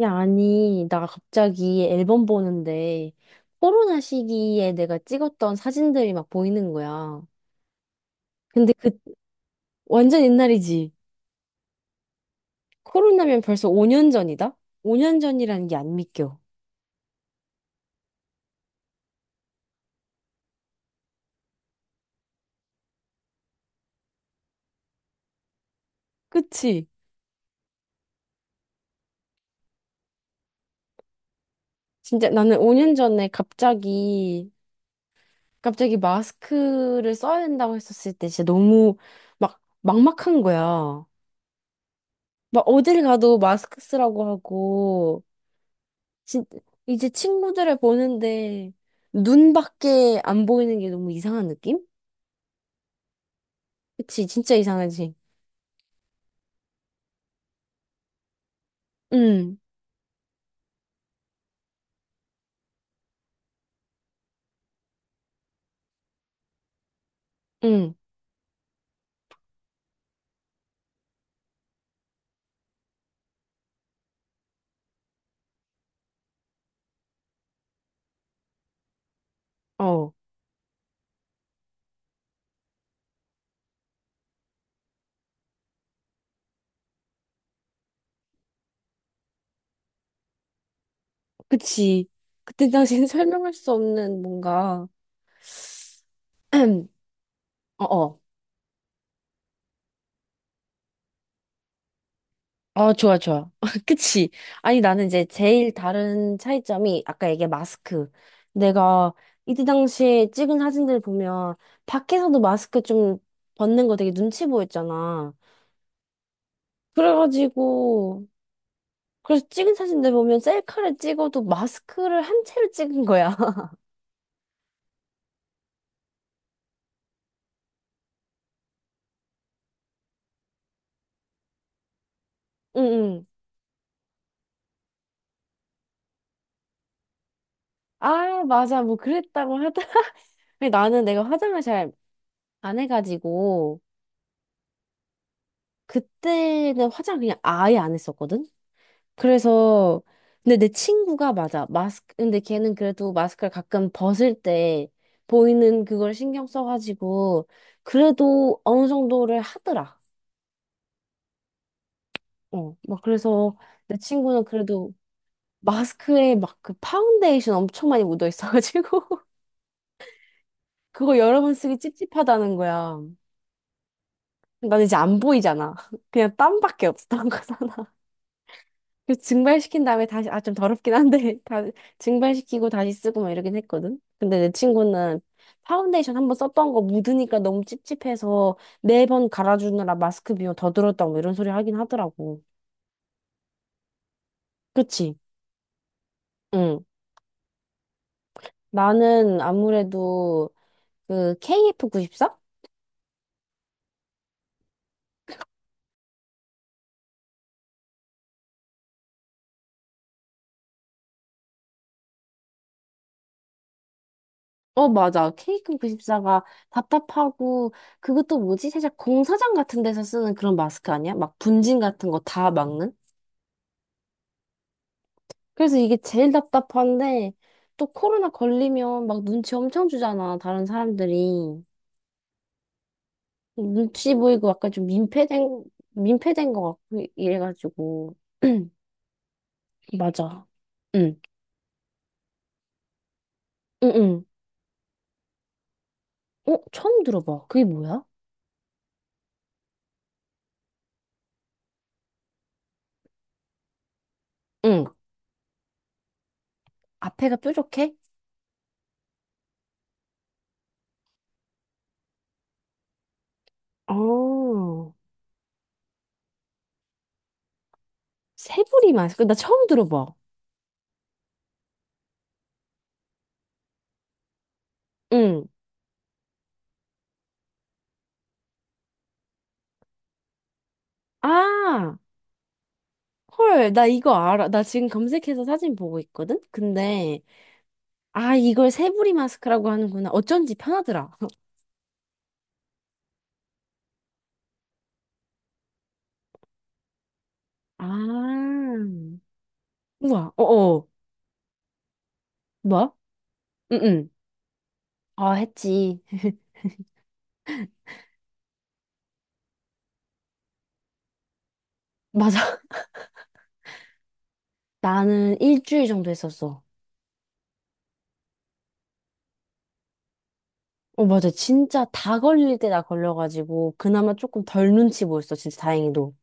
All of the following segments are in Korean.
야, 아니, 나 갑자기 앨범 보는데 코로나 시기에 내가 찍었던 사진들이 막 보이는 거야. 근데 그 완전 옛날이지. 코로나면 벌써 5년 전이다? 5년 전이라는 게 안 믿겨. 그치? 진짜 나는 5년 전에 갑자기 마스크를 써야 된다고 했었을 때 진짜 너무 막 막막한 거야. 막 어딜 가도 마스크 쓰라고 하고 진, 이제 친구들을 보는데 눈밖에 안 보이는 게 너무 이상한 느낌? 그치, 진짜 이상하지. 응, 응, 어, 그치. 그때 당시엔 설명할 수 없는 뭔가, 어, 어, 어, 좋아, 좋아. 그치. 아니, 나는 이제 제일 다른 차이점이 아까 얘기한 마스크. 내가 이때 당시에 찍은 사진들 보면 밖에서도 마스크 좀 벗는 거 되게 눈치 보였잖아. 그래가지고, 그래서 찍은 사진들 보면 셀카를 찍어도 마스크를 한 채로 찍은 거야. 응, 응. 아, 맞아. 뭐 그랬다고 하더라. 근데 나는 내가 화장을 잘 안 해가지고, 그때는 화장 그냥 아예 안 했었거든? 그래서, 근데 내 친구가 맞아. 마스크, 근데 걔는 그래도 마스크를 가끔 벗을 때 보이는 그걸 신경 써가지고, 그래도 어느 정도를 하더라. 어, 막 그래서 내 친구는 그래도 마스크에 막 그 파운데이션 엄청 많이 묻어 있어가지고 그거 여러 번 쓰기 찝찝하다는 거야. 난 이제 안 보이잖아. 그냥 땀밖에 없었던 거잖아. 그래서 증발시킨 다음에 다시 아 좀 더럽긴 한데 다 증발시키고 다시 쓰고 막 이러긴 했거든. 근데 내 친구는 파운데이션 한번 썼던 거 묻으니까 너무 찝찝해서 네 번 갈아주느라 마스크 비용 더 들었다고 뭐 이런 소리 하긴 하더라고. 그치? 응. 나는 아무래도 그 KF94? 어, 맞아. 케이크 94가 답답하고, 그것도 뭐지? 살짝 공사장 같은 데서 쓰는 그런 마스크 아니야? 막 분진 같은 거 다 막는? 그래서 이게 제일 답답한데, 또 코로나 걸리면 막 눈치 엄청 주잖아, 다른 사람들이. 눈치 보이고 약간 좀 민폐된, 민폐된 것 같고, 이래가지고. 맞아. 응, 응, 응. 어, 처음 들어봐. 그게 뭐야? 응. 앞에가 뾰족해? 어, 새부리 마스크. 나 처음 들어봐. 응. 아, 헐, 나 이거 알아. 나 지금 검색해서 사진 보고 있거든? 근데, 아, 이걸 새부리 마스크라고 하는구나. 어쩐지 편하더라. 아, 우와, 어어, 뭐야? 응, 응. 아, 했지. 맞아. 나는 일주일 정도 했었어. 어, 맞아. 진짜 다 걸릴 때 나 걸려가지고, 그나마 조금 덜 눈치 보였어. 진짜 다행히도.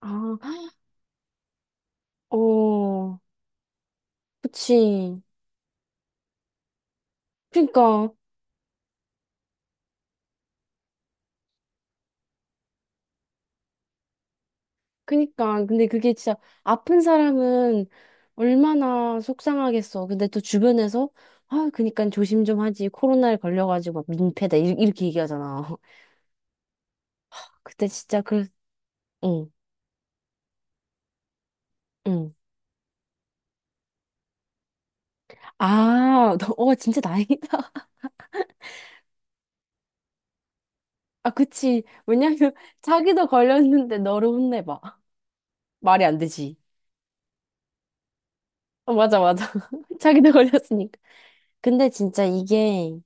아, 어, 그치. 그니까. 그니까 근데 그게 진짜 아픈 사람은 얼마나 속상하겠어. 근데 또 주변에서 아 그니까 조심 좀 하지. 코로나에 걸려가지고 막 민폐다 이- 이렇게 얘기하잖아. 그때 진짜 그 응. 응. 아, 너, 어, 진짜 다행이다. 아, 그치. 왜냐면, 자기도 걸렸는데 너를 혼내봐. 말이 안 되지. 어, 맞아, 맞아. 자기도 걸렸으니까. 근데 진짜 이게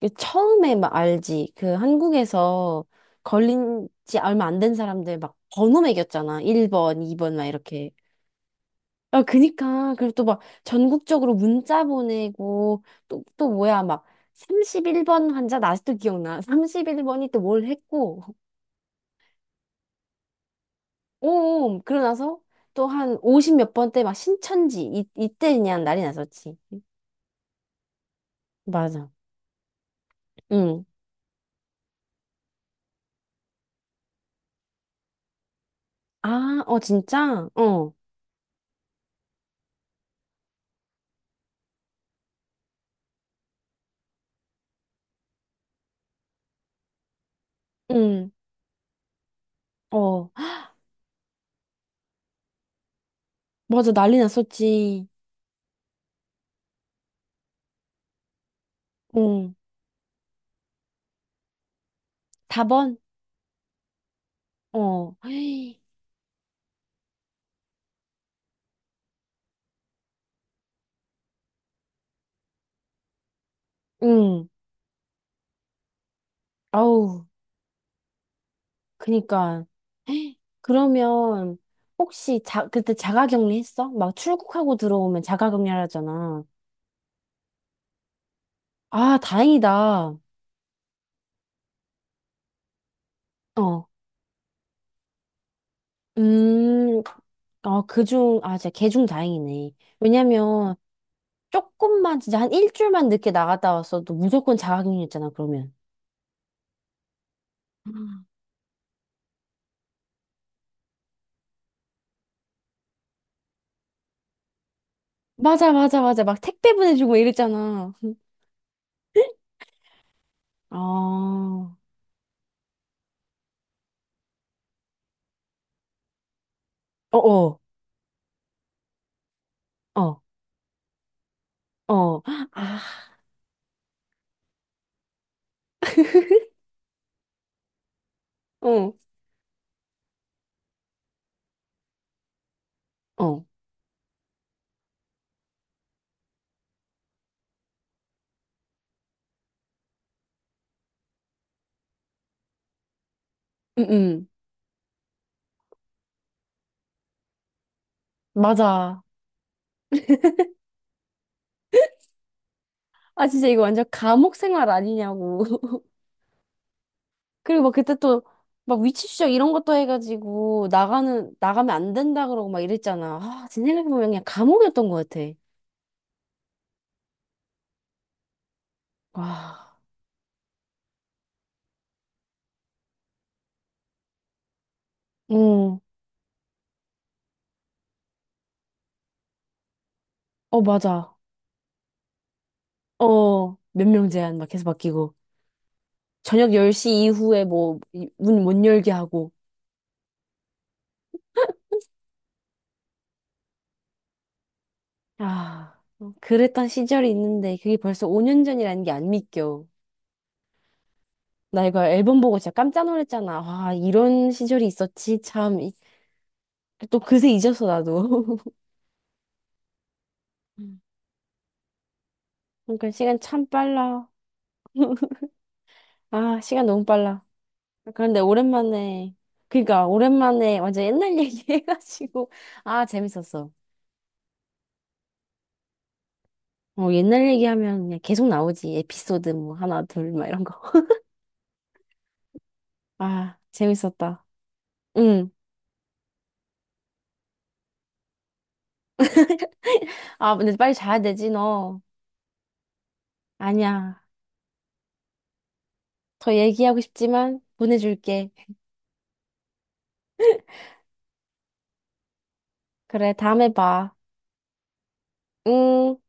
이게 처음에 막 알지. 그 한국에서 걸린 지 얼마 안 된 사람들 막 번호 매겼잖아. 1번, 2번 막 이렇게. 아, 그니까. 그리고 또 막 전국적으로 문자 보내고 또, 또 뭐야. 막 31번 환자, 나 아직도 기억나. 31번이 또 뭘 했고. 오, 그러고 나서 또 한 50 몇 번 때 막 신천지. 이, 이때 그냥 난리 났었지. 맞아. 응. 아, 어, 진짜? 어. 응. 어. 맞아, 난리 났었지. 응. 다번 어. 응. 아우, 그니까. 그러면 혹시 자, 그때 자가격리 했어? 막 출국하고 들어오면 자가격리하잖아. 아, 다행이다. 어. 음. 아, 그중, 아, 진짜 개중 다행이네. 왜냐면 조금만 진짜 한 일주일만 늦게 나갔다 왔어도 무조건 자가격리였잖아, 그러면. 음. 맞아, 맞아, 맞아. 막 택배 보내주고 막 이랬잖아. 아, 어 어어. 어. 어, 아, 어, 어, 응, 응. 맞아. 아, 진짜 이거 완전 감옥 생활 아니냐고. 그리고 막 그때 또, 막 위치 추적 이런 것도 해가지고, 나가는, 나가면 안 된다 그러고 막 이랬잖아. 아, 지금 생각해보면 그냥 감옥이었던 것 같아. 와, 응, 어, 맞아. 어, 몇 명 제한 막 계속 바뀌고. 저녁 10시 이후에 뭐, 문 못 열게 하고. 아, 그랬던 시절이 있는데, 그게 벌써 5년 전이라는 게 안 믿겨. 나 이거 앨범 보고 진짜 깜짝 놀랐잖아. 와, 이런 시절이 있었지. 참. 이- 또 그새 잊었어, 나도. 음. 그러니까 시간 참 빨라. 아, 시간 너무 빨라. 그런데 오랜만에, 그러니까 오랜만에 완전 옛날 얘기 해가지고, 아, 재밌었어. 어, 옛날 얘기하면 그냥 계속 나오지. 에피소드 뭐 하나, 둘, 막 이런 거. 아, 재밌었다. 응. 아, 근데 빨리 자야 되지, 너. 아니야. 더 얘기하고 싶지만 보내줄게. 그래, 다음에 봐. 응.